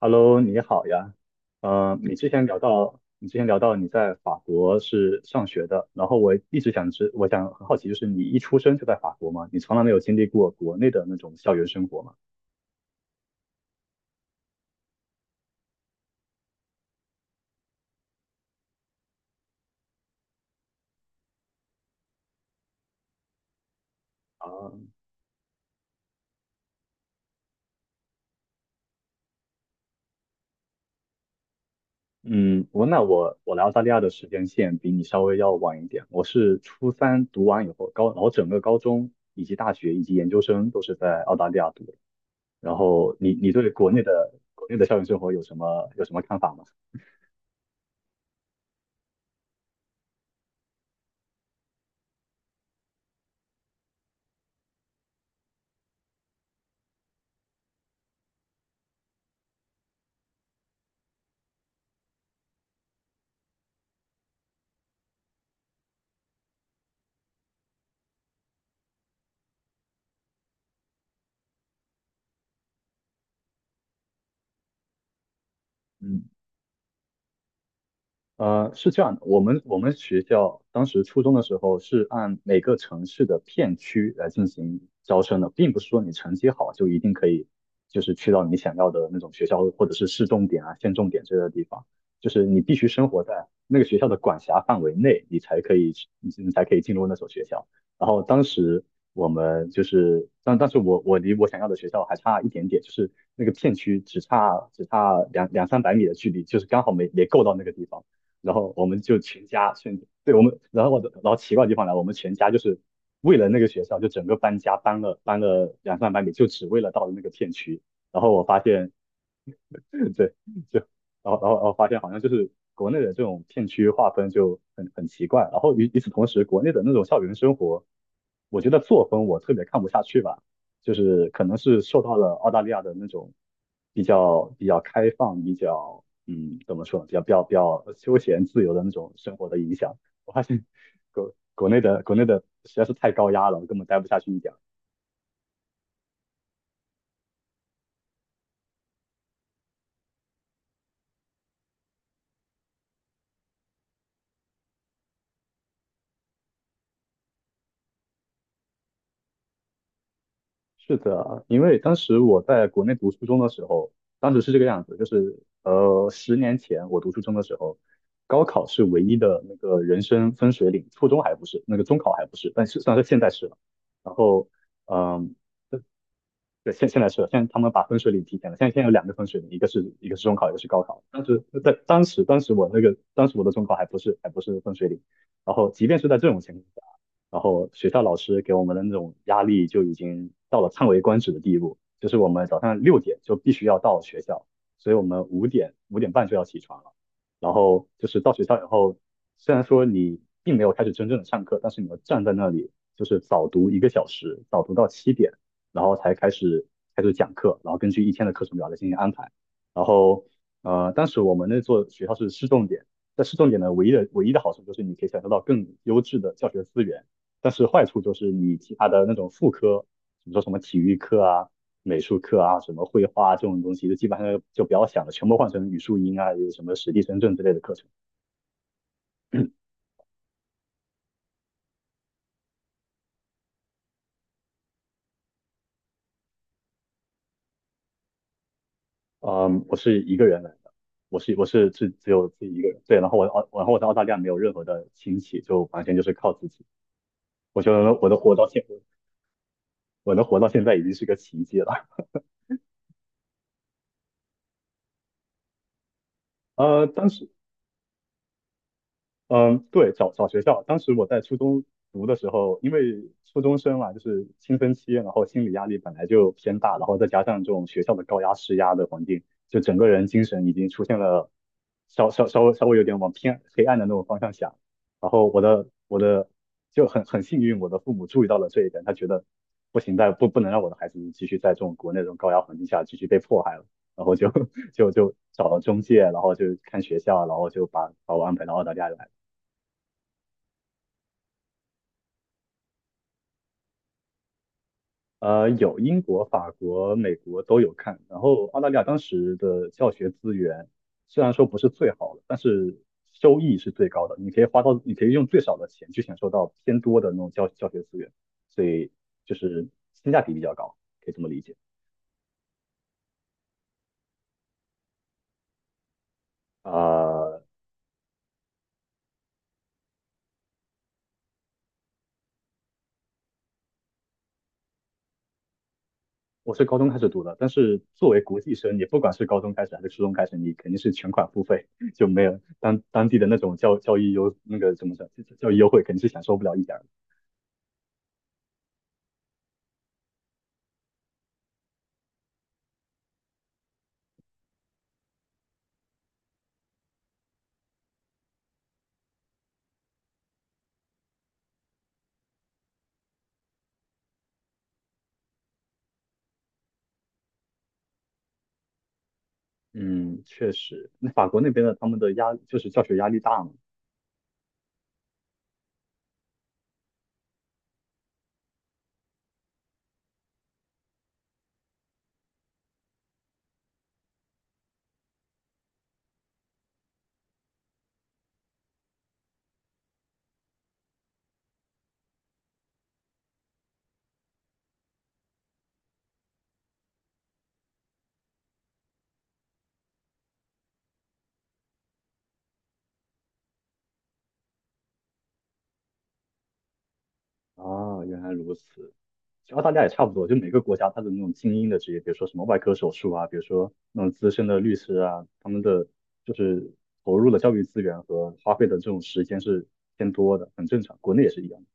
Hello，你好呀。你之前聊到，你在法国是上学的，然后我一直想知，我想很好奇，就是你一出生就在法国吗？你从来没有经历过国内的那种校园生活吗？啊，嗯，我那我我来澳大利亚的时间线比你稍微要晚一点，我是初三读完以后，然后整个高中以及大学以及研究生都是在澳大利亚读的。然后你对国内的校园生活有什么看法吗？嗯。是这样的，我们学校当时初中的时候是按每个城市的片区来进行招生的，并不是说你成绩好就一定可以，就是去到你想要的那种学校或者是市重点啊、县重点之类的地方，就是你必须生活在那个学校的管辖范围内，你才可以进入那所学校。然后当时我们就是，但但是我我离我想要的学校还差一点点，就是那个片区只差两三百米的距离，就是刚好没够到那个地方。然后我们就全家全对我们，然后然后奇怪的地方来，我们全家就是为了那个学校，就整个搬家搬了两三百米，就只为了到了那个片区。然后我发现对，就然后发现好像就是国内的这种片区划分就很奇怪，然后与此同时，国内的那种校园生活，我觉得作风我特别看不下去吧，就是可能是受到了澳大利亚的那种比较开放、比较嗯怎么说呢比较比较比较休闲自由的那种生活的影响，我发现国内的实在是太高压了，我根本待不下去一点。是的啊，因为当时我在国内读初中的时候，当时是这个样子，10年前我读初中的时候，高考是唯一的那个人生分水岭，初中还不是，那个中考还不是，但是算是现在是了。然后，嗯、对，现在是，现在他们把分水岭提前了。现在有两个分水岭，一个是中考，一个是高考。当时在当时当时我那个当时我的中考还不是分水岭，然后即便是在这种情况下，然后学校老师给我们的那种压力就已经到了叹为观止的地步，就是我们早上6点就必须要到学校，所以我们5点半就要起床了。然后就是到学校以后，虽然说你并没有开始真正的上课，但是你要站在那里就是早读1个小时，早读到7点。然后才开始开始讲课，然后根据一天的课程表来进行安排。然后当时我们那座学校是市重点，在市重点呢，唯一的好处就是你可以享受到更优质的教学资源，但是坏处就是你其他的那种副科，比如说什么体育课啊、美术课啊、什么绘画啊这种东西，就基本上就不要想了，全部换成语数英啊，有什么史地生政之类的课程。嗯，我是一个人来的。我是只有自己一个人，对，然后我在澳大利亚没有任何的亲戚，就完全就是靠自己。我觉得我能活到现，我能活到现在已经是个奇迹了。呃，但是。嗯，对，找学校。当时我在初中读的时候，因为初中生嘛，就是青春期，然后心理压力本来就偏大，然后再加上这种学校的高压施压的环境，就整个人精神已经出现了稍微有点往偏黑暗的那种方向想。然后我的我的就很很幸运，我的父母注意到了这一点，他觉得不行，再不不能让我的孩子继续在这种国内这种高压环境下继续被迫害了。然后就 就找了中介，然后就看学校，然后就把我安排到澳大利亚来。呃，有英国、法国、美国都有看。然后澳大利亚当时的教学资源虽然说不是最好的，但是收益是最高的。你可以用最少的钱去享受到偏多的那种教学资源，所以就是性价比比较高，可以这么理解。呃，我是高中开始读的，但是作为国际生，你不管是高中开始还是初中开始，你肯定是全款付费，就没有当地的那种教育优那个怎么讲，教育优惠，肯定是享受不了一点儿。嗯，确实，那法国那边的他们的压就是教学压力大嘛。啊，原来如此。其实澳大利亚也差不多，就每个国家它的那种精英的职业，比如说什么外科手术啊，比如说那种资深的律师啊，他们的就是投入的教育资源和花费的这种时间是偏多的，很正常。国内也是一样的。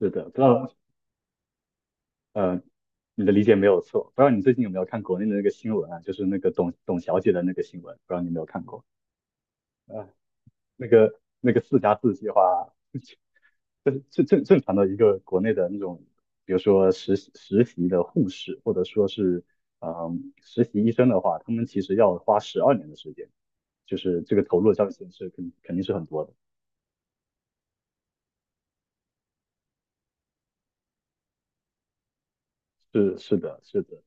是的，不知道呃，你的理解没有错。不知道你最近有没有看国内的那个新闻啊，就是那个董小姐的那个新闻，不知道你有没有看过啊？那个4+4计划。正常的一个国内的那种，比如说实习的护士，或者说是实习医生的话，他们其实要花12年的时间，就是这个投入的上限是肯定是很多的。是是的，是的，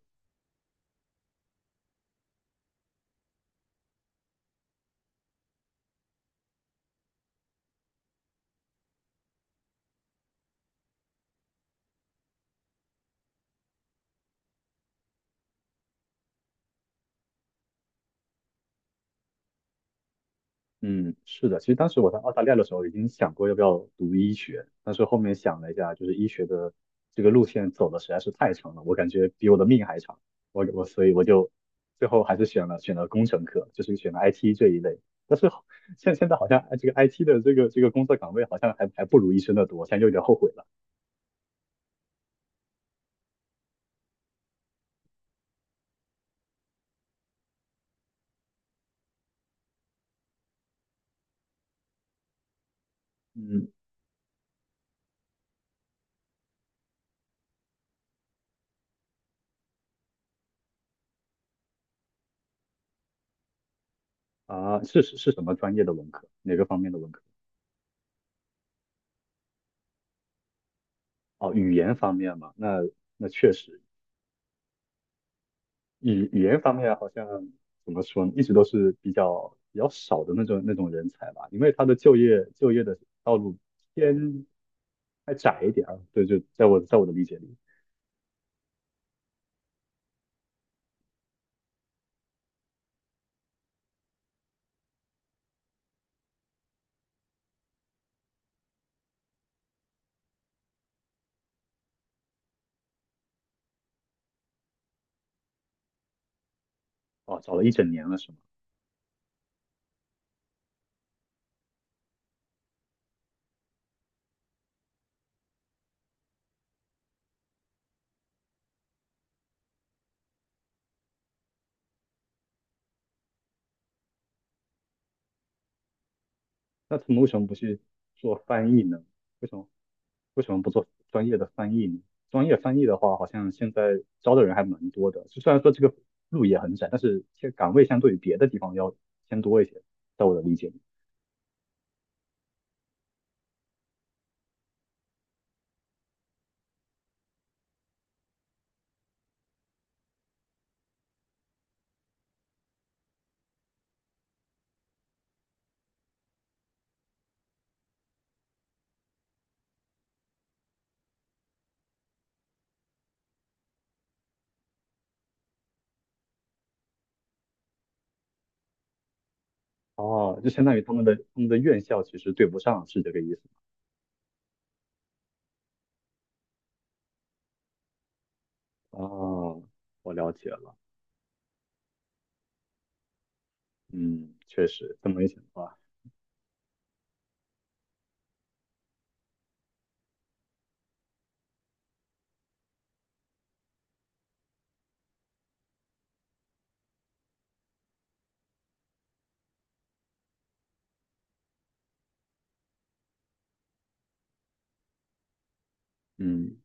嗯，是的，其实当时我在澳大利亚的时候已经想过要不要读医学，但是后面想了一下，就是医学的这个路线走的实在是太长了，我感觉比我的命还长，所以我最后还是选了工程科，就是选了 IT 这一类。但是好现现在好像这个 IT 的这个工作岗位好像还还不如医生的多，现在有点后悔了。嗯，是什么专业的文科？哪个方面的文科？哦，语言方面嘛，那那确实。语言方面好像怎么说呢，一直都是比较少的那种人才吧，因为他的就业的道路偏还窄一点啊。对，就在我在我的理解里，哦，找了一整年了是吗？那他们为什么不去做翻译呢？为什么为什么不做专业的翻译呢？专业翻译的话，好像现在招的人还蛮多的，就虽然说这个路也很窄，但是这个岗位相对于别的地方要偏多一些，在我的理解。哦，就相当于他们的院校其实对不上，是这个意思吗？哦，我了解了。嗯，确实这么一想的话，嗯，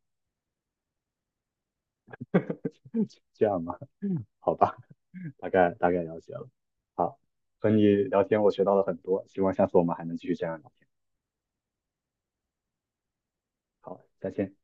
这样吧，好吧，大概了解了。好，和你聊天我学到了很多，希望下次我们还能继续这样聊天。好，再见。